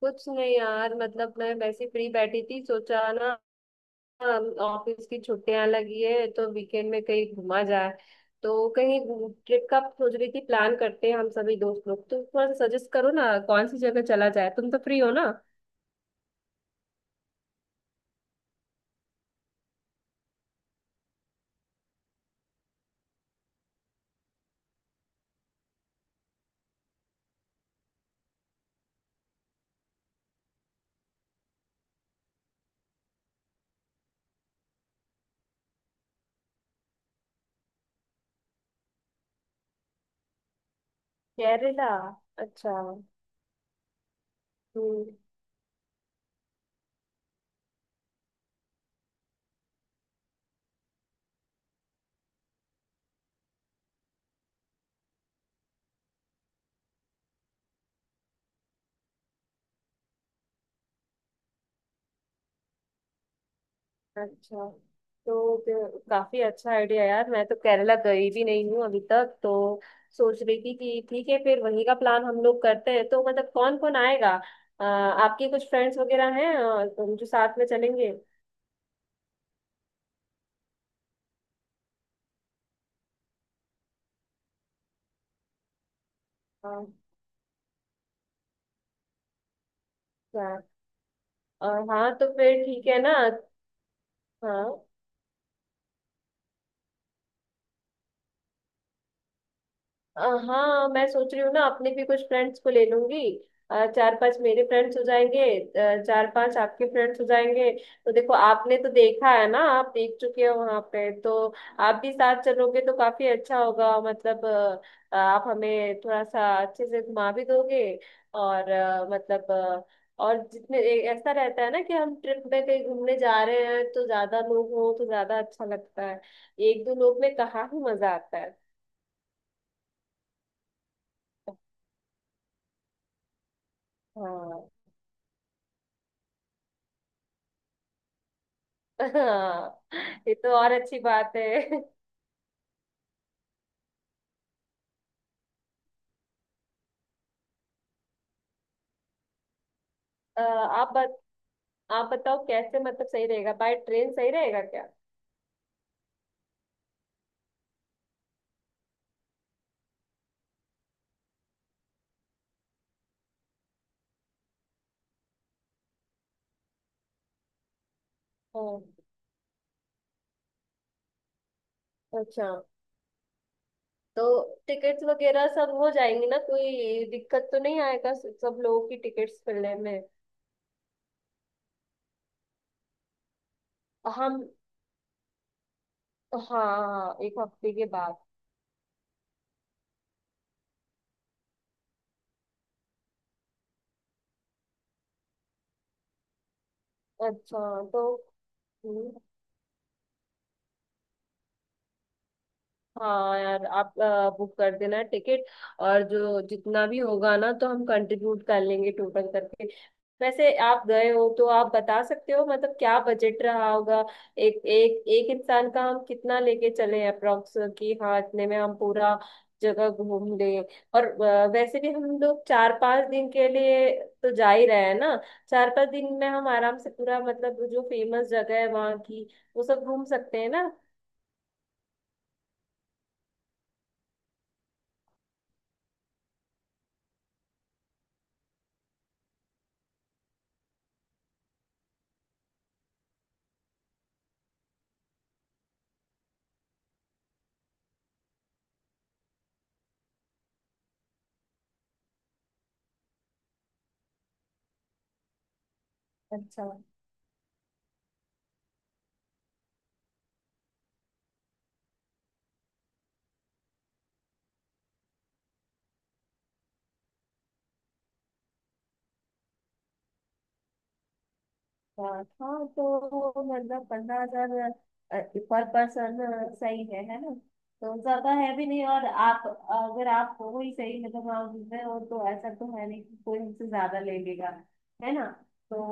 कुछ नहीं यार, मतलब मैं वैसे फ्री बैठी थी, सोचा ना। ऑफिस की छुट्टियां लगी है तो वीकेंड में कहीं घूमा जाए, तो कहीं ट्रिप का सोच रही थी। प्लान करते हैं हम सभी दोस्त लोग, तो थोड़ा सा सजेस्ट करो ना कौन सी जगह चला जाए। तुम तो फ्री हो ना। केरला, अच्छा। हम्म। अच्छा, तो फिर काफी अच्छा आइडिया यार, मैं तो केरला गई भी नहीं हूँ अभी तक तो। सोच रही थी कि ठीक है, फिर वहीं का प्लान हम लोग करते हैं, तो मतलब कौन कौन आएगा। आपके कुछ फ्रेंड्स वगैरह हैं, जो साथ में चलेंगे। हाँ। हाँ। हाँ, तो फिर ठीक है ना। हाँ। अ, हाँ, मैं सोच रही हूँ ना, अपने भी कुछ फ्रेंड्स को ले लूंगी। चार पांच मेरे फ्रेंड्स हो जाएंगे। चार पांच आपके फ्रेंड्स हो जाएंगे। तो देखो, आपने तो देखा है ना, आप देख चुके हो वहां पे, तो आप भी साथ चलोगे तो काफी अच्छा होगा मतलब। आप हमें थोड़ा सा अच्छे से घुमा भी दोगे। और मतलब और ऐसा रहता है ना कि हम ट्रिप में कहीं घूमने जा रहे हैं, तो ज्यादा लोग हो तो ज्यादा अच्छा लगता है। एक दो लोग में कहाँ ही मजा आता है। हाँ। हाँ, ये तो और अच्छी बात है। अ, आप बत, आप बताओ कैसे मतलब सही रहेगा, बाय ट्रेन सही रहेगा क्या। हम्म। अच्छा। तो टिकट्स वगैरह सब हो जाएंगी ना, कोई दिक्कत तो नहीं आएगा सब लोगों की टिकट्स मिलने में। हम, हाँ, एक हफ्ते के बाद। अच्छा। तो हम्म, हाँ, यार आप बुक कर देना टिकट। और जो जितना भी होगा ना, तो हम कंट्रीब्यूट कर लेंगे टोटल करके। वैसे आप गए हो तो आप बता सकते हो मतलब क्या बजट रहा होगा। एक एक एक इंसान का हम कितना लेके चले अप्रोक्स, कि हाँ इतने में हम पूरा जगह घूम लें। और वैसे भी हम लोग चार पांच दिन के लिए तो जा ही रहे हैं ना। चार पांच दिन में हम आराम से पूरा मतलब जो फेमस जगह है वहाँ की, वो सब घूम सकते हैं ना। अच्छा। हाँ, हाँ, तो मतलब 15,000 पर पर्सन सही है ना। तो ज्यादा है भी नहीं। और आप, अगर आप हो ही सही मतलब, आप में हो तो ऐसा तो है नहीं कि कोई हमसे ज्यादा ले लेगा, है ना। तो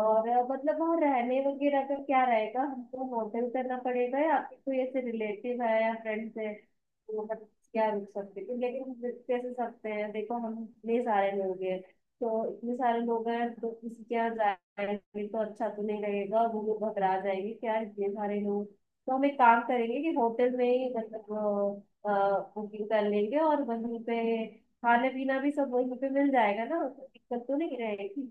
और मतलब वहाँ रहने वगैरह का क्या रहेगा, हमको होटल करना पड़ेगा, या आपके कोई ऐसे रिलेटिव है या फ्रेंड्स है, तो मतलब क्या रुक सकते हैं। लेकिन हम रुक कैसे सकते हैं, देखो हम इतने सारे लोग हैं, तो इतने सारे लोग हैं तो किसी के यहाँ जाएंगे तो अच्छा तो नहीं रहेगा, वो लोग घबरा जाएंगे क्या इतने सारे लोग। तो हम एक काम करेंगे कि होटल में ही मतलब बुकिंग कर लेंगे, और वहीं पे खाना पीना भी सब वहीं पे मिल जाएगा ना, तो दिक्कत तो नहीं रहेगी।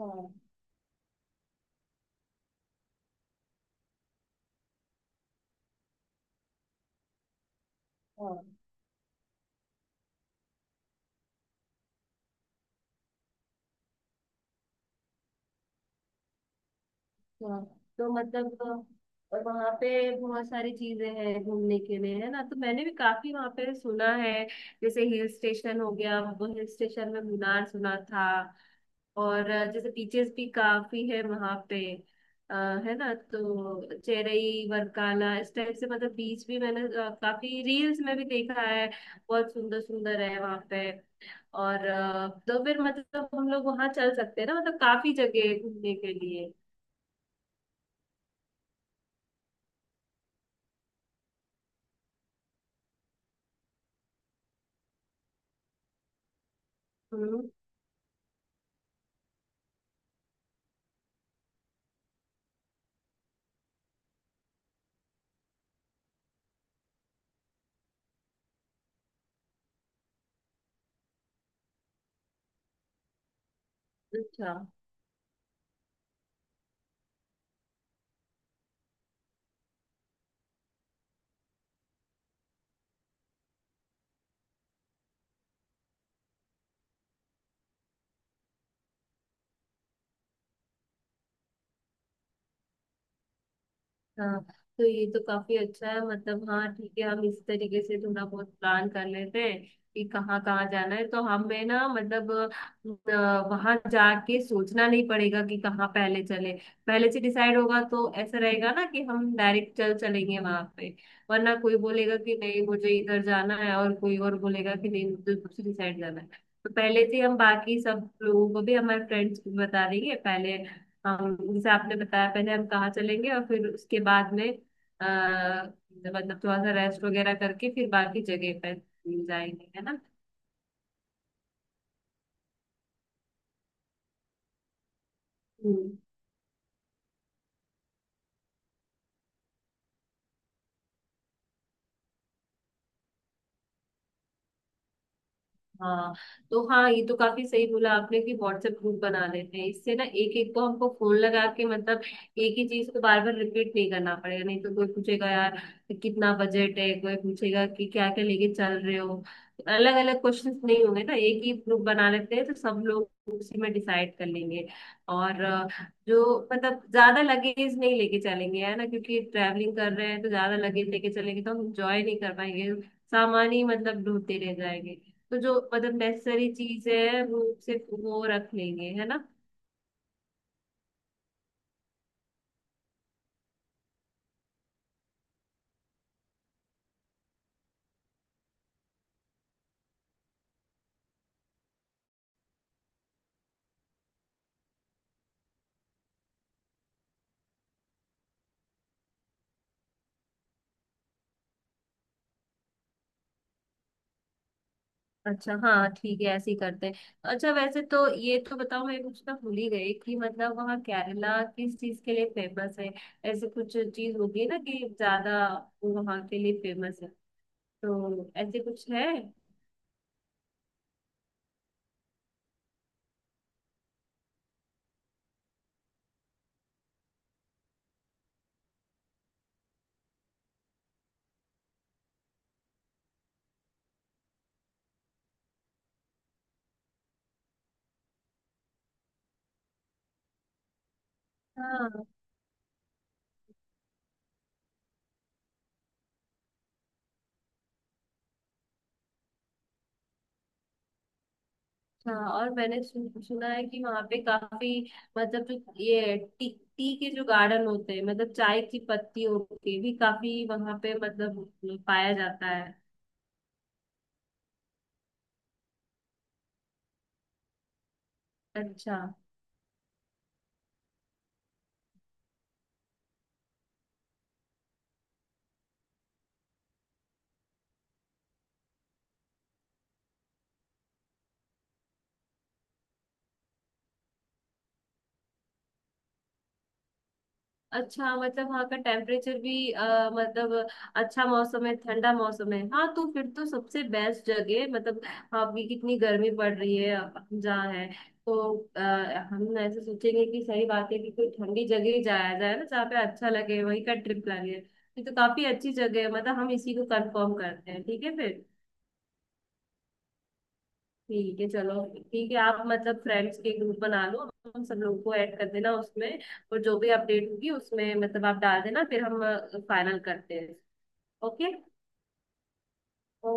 हाँ, हाँ, हाँ। तो मतलब और वहाँ पे बहुत सारी चीजें हैं घूमने के लिए, है ना। तो मैंने भी काफी वहाँ पे सुना है। जैसे हिल स्टेशन हो गया, वो हिल स्टेशन में मुनार सुना था। और जैसे बीचेस भी काफी है वहाँ पे। अ, है ना, तो चेरई वरकाला इस टाइप से मतलब बीच भी मैंने काफी रील्स में भी देखा है। बहुत सुंदर सुंदर है वहाँ पे। और तो फिर मतलब हम लोग वहाँ चल सकते हैं ना, मतलब काफी जगह है घूमने के लिए। हम्म। अच्छा, हाँ, तो ये तो काफी अच्छा है, मतलब हाँ ठीक है, हम इस तरीके से थोड़ा बहुत प्लान कर लेते हैं कि कहाँ कहाँ जाना है, तो हमें ना मतलब वहां जाके सोचना नहीं पड़ेगा कि कहाँ पहले चले। पहले से डिसाइड होगा तो ऐसा रहेगा ना कि हम डायरेक्ट चल चलेंगे वहां पे, वरना कोई बोलेगा कि नहीं मुझे इधर जाना है, और कोई और बोलेगा कि नहीं मुझे दूसरी साइड जाना है। तो पहले से हम बाकी सब लोगों को भी, हमारे फ्रेंड्स को भी बता देंगे पहले। हम जैसे आपने बताया पहले हम कहाँ चलेंगे, और फिर उसके बाद में आ, मतलब थोड़ा सा रेस्ट वगैरह करके फिर बाकी जगह पर जाएंगे, है ना। हम्म। हाँ, तो हाँ, ये तो काफी सही बोला आपने कि व्हाट्सएप ग्रुप बना लेते हैं, इससे ना एक एक को हमको फोन लगा के मतलब एक ही चीज को बार बार रिपीट नहीं करना पड़ेगा, नहीं तो कोई पूछेगा यार कितना बजट है, कोई पूछेगा कि क्या क्या लेके चल रहे हो। अलग अलग क्वेश्चंस नहीं होंगे ना, एक ही ग्रुप बना लेते हैं तो सब लोग उसी में डिसाइड कर लेंगे। और जो मतलब ज्यादा लगेज नहीं लेके चलेंगे है ना, क्योंकि ट्रैवलिंग कर रहे हैं तो ज्यादा लगेज लेके चलेंगे तो हम इंजॉय नहीं कर पाएंगे, सामान ही मतलब ढूंढते रह जाएंगे। तो जो मतलब नेसेसरी चीज है वो सिर्फ वो रख लेंगे, है ना। अच्छा, हाँ ठीक है, ऐसे ही करते हैं। अच्छा वैसे तो ये तो बताओ, मैं कुछ ना भूल ही गई, कि मतलब वहाँ केरला किस चीज के लिए फेमस है। ऐसे कुछ चीज होगी ना कि ज्यादा वो वहाँ के लिए फेमस है, तो ऐसे कुछ है। हाँ। अच्छा, और मैंने सुना है कि वहाँ पे काफी मतलब जो ये टी टी के जो गार्डन होते हैं, मतलब चाय की पत्तियों के भी काफी वहाँ पे मतलब पाया जाता है। अच्छा। अच्छा, मतलब वहाँ का टेम्परेचर भी मतलब अच्छा मौसम है, ठंडा मौसम है। हाँ, तो फिर तो सबसे बेस्ट जगह है। मतलब अभी कितनी गर्मी पड़ रही है हम जहाँ है, तो अ, हम ऐसे सोचेंगे कि सही बात है कि कोई ठंडी जगह ही जाया जाए ना, जहाँ पे अच्छा लगे वहीं का ट्रिप प्लान है। ये तो काफी अच्छी जगह है, मतलब हम इसी को कंफर्म करते हैं, ठीक है फिर। ठीक है चलो। ठीक है, आप मतलब फ्रेंड्स के ग्रुप बना लो, हम सब लोगों को ऐड कर देना उसमें, और जो भी अपडेट होगी उसमें मतलब आप डाल देना, फिर हम फाइनल करते हैं। ओके। ओ,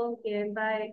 ओके, बाय।